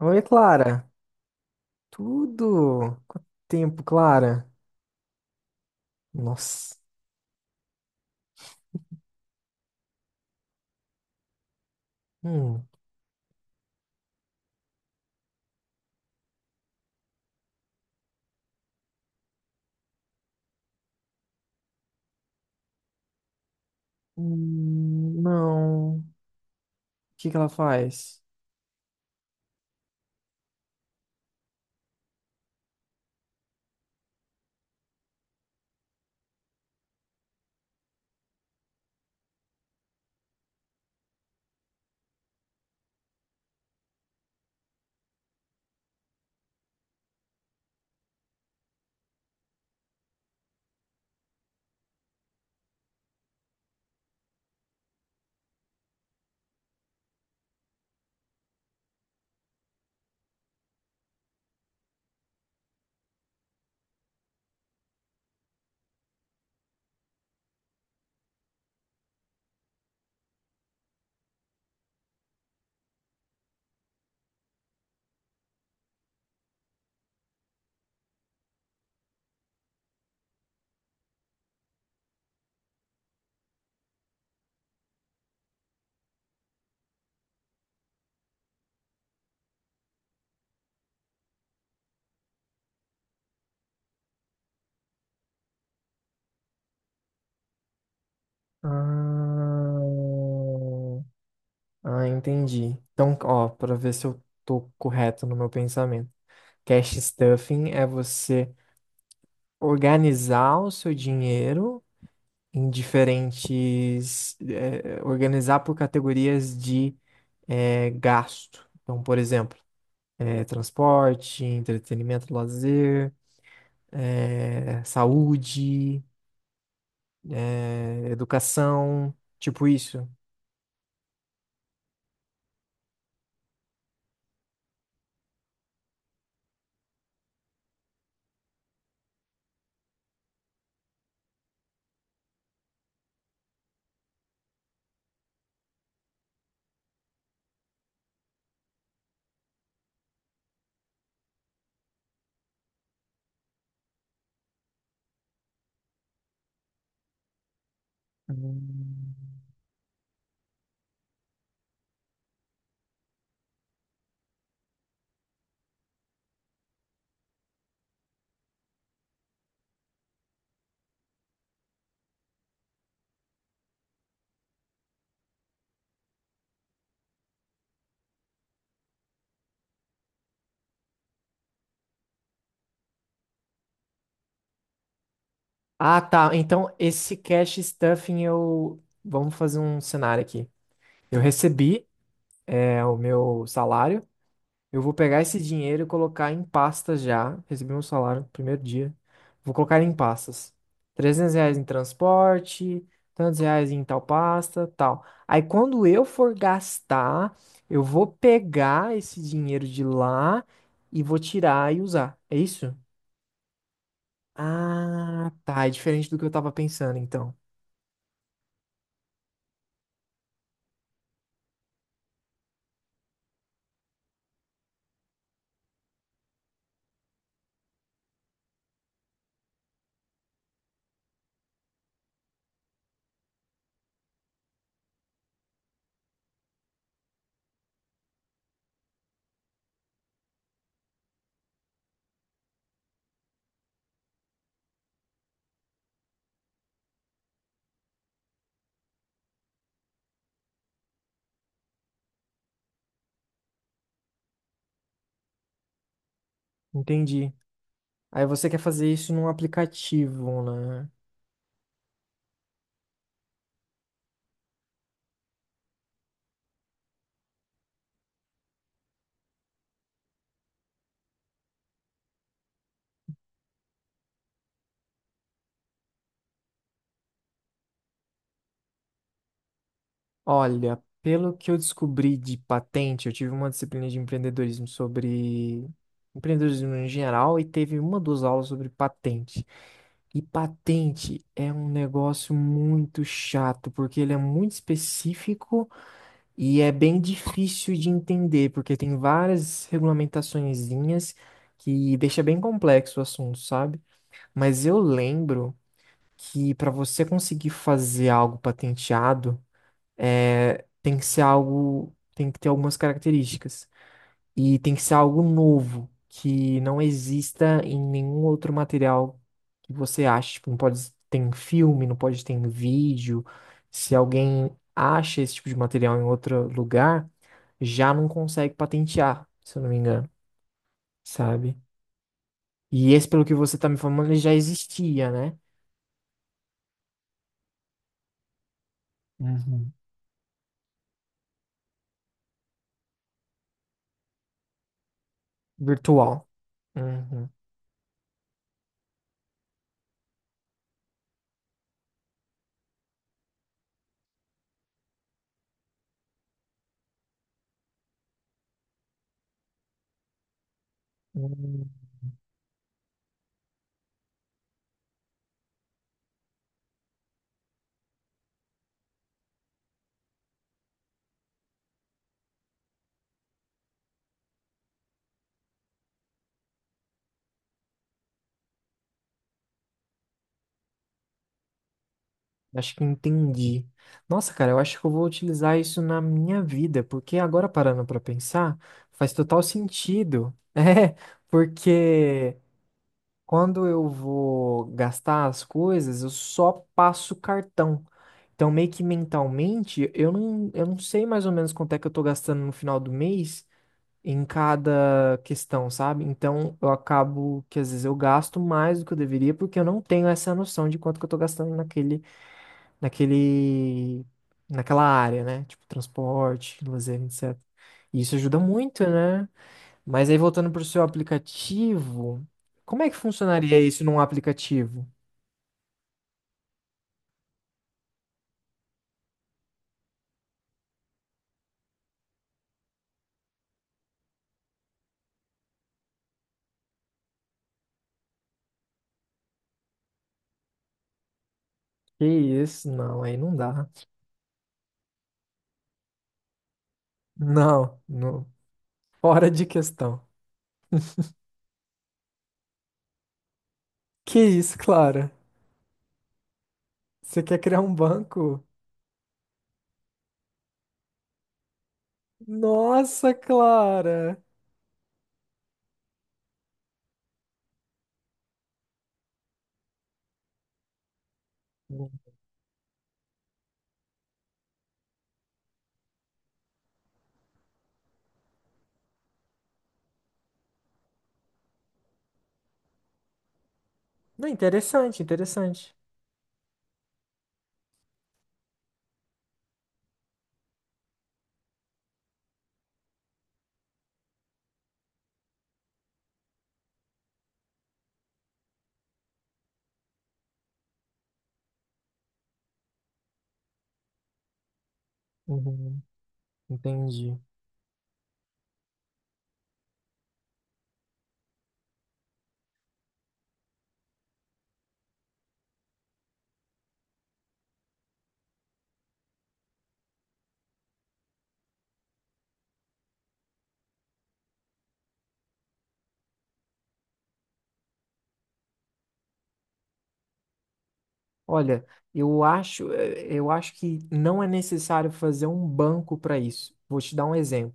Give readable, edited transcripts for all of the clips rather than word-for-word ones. Oi, Clara. Tudo? Quanto tempo, Clara? Nossa. Hum. Não. O que que ela faz? Ah, ah, entendi. Então, ó, para ver se eu tô correto no meu pensamento. Cash stuffing é você organizar o seu dinheiro em diferentes, organizar por categorias de, gasto. Então, por exemplo, é, transporte, entretenimento, lazer, é, saúde, é, educação, tipo isso. Hum. Ah, tá. Então, esse cash stuffing eu. Vamos fazer um cenário aqui. Eu recebi, é, o meu salário. Eu vou pegar esse dinheiro e colocar em pastas já. Recebi meu salário no primeiro dia. Vou colocar em pastas. 300 reais em transporte, tantos reais em tal pasta, tal. Aí quando eu for gastar, eu vou pegar esse dinheiro de lá e vou tirar e usar. É isso? Ah, tá. É diferente do que eu tava pensando, então. Entendi. Aí você quer fazer isso num aplicativo, né? Olha, pelo que eu descobri de patente, eu tive uma disciplina de empreendedorismo sobre empreendedorismo em geral e teve uma duas aulas sobre patente. E patente é um negócio muito chato, porque ele é muito específico e é bem difícil de entender, porque tem várias regulamentaçõezinhas que deixa bem complexo o assunto, sabe? Mas eu lembro que para você conseguir fazer algo patenteado, é, tem que ser algo, tem que ter algumas características. E tem que ser algo novo, que não exista em nenhum outro material que você ache. Tipo, não pode ter em filme, não pode ter em vídeo. Se alguém acha esse tipo de material em outro lugar, já não consegue patentear, se eu não me engano, sabe? E esse, pelo que você tá me falando, ele já existia, né? Uhum. Virtual. Uhum. Hum. Acho que entendi. Nossa, cara, eu acho que eu vou utilizar isso na minha vida, porque agora parando pra pensar, faz total sentido. É, porque quando eu vou gastar as coisas, eu só passo o cartão. Então, meio que mentalmente, eu não sei mais ou menos quanto é que eu tô gastando no final do mês em cada questão, sabe? Então, eu acabo que às vezes eu gasto mais do que eu deveria, porque eu não tenho essa noção de quanto que eu tô gastando naquele, naquela área, né? Tipo, transporte, lazer, etc. E isso ajuda muito, né? Mas aí voltando para o seu aplicativo, como é que funcionaria isso num aplicativo? Que isso? Não, aí não dá. Não, não. Fora de questão. Que isso, Clara? Você quer criar um banco? Nossa, Clara! Não, interessante, interessante. Uhum, entendi. Olha, eu acho que não é necessário fazer um banco para isso. Vou te dar um exemplo.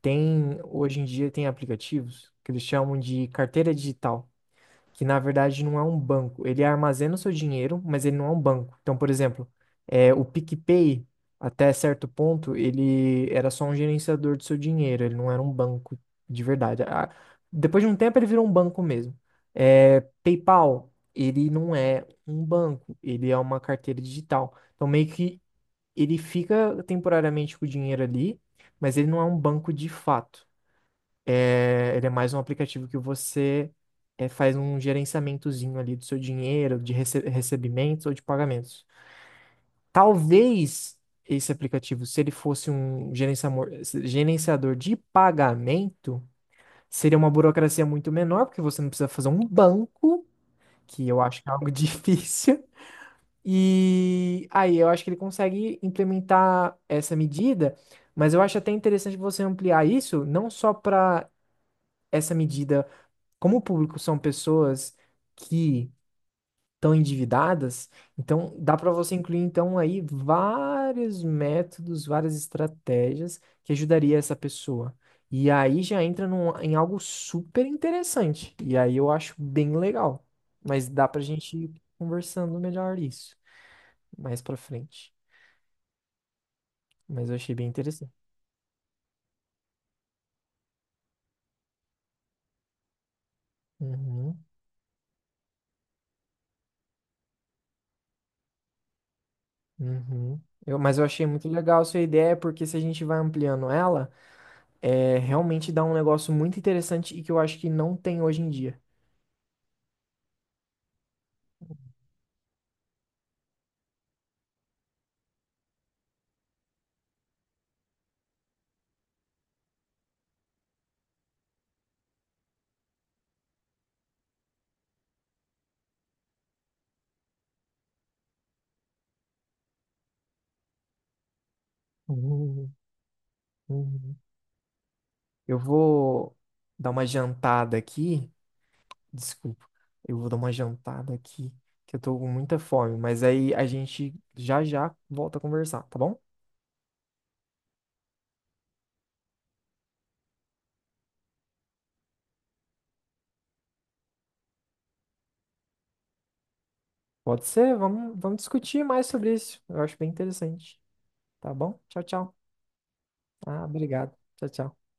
Tem, hoje em dia tem aplicativos que eles chamam de carteira digital que na verdade não é um banco. Ele armazena o seu dinheiro, mas ele não é um banco. Então, por exemplo, é, o PicPay, até certo ponto, ele era só um gerenciador do seu dinheiro, ele não era um banco de verdade. Depois de um tempo, ele virou um banco mesmo. É, PayPal, ele não é um banco, ele é uma carteira digital. Então, meio que ele fica temporariamente com o dinheiro ali, mas ele não é um banco de fato. É, ele é mais um aplicativo que você é, faz um gerenciamentozinho ali do seu dinheiro, de recebimentos ou de pagamentos. Talvez esse aplicativo, se ele fosse um gerenciador de pagamento, seria uma burocracia muito menor, porque você não precisa fazer um banco, que eu acho que é algo difícil. E aí eu acho que ele consegue implementar essa medida, mas eu acho até interessante você ampliar isso, não só para essa medida. Como o público são pessoas que estão endividadas, então dá para você incluir então aí vários métodos, várias estratégias que ajudaria essa pessoa. E aí já entra em algo super interessante. E aí eu acho bem legal. Mas dá pra gente ir conversando melhor isso mais pra frente. Mas eu achei bem interessante. Uhum, uhum. Eu- mas eu achei muito legal a sua ideia, porque se a gente vai ampliando ela. É, realmente dá um negócio muito interessante e que eu acho que não tem hoje em dia. Uhum, uhum. Eu vou dar uma jantada aqui. Desculpa. Eu vou dar uma jantada aqui, que eu tô com muita fome. Mas aí a gente já já volta a conversar, tá bom? Pode ser, vamos discutir mais sobre isso. Eu acho bem interessante. Tá bom? Tchau, tchau. Ah, obrigado. Tchau, tchau.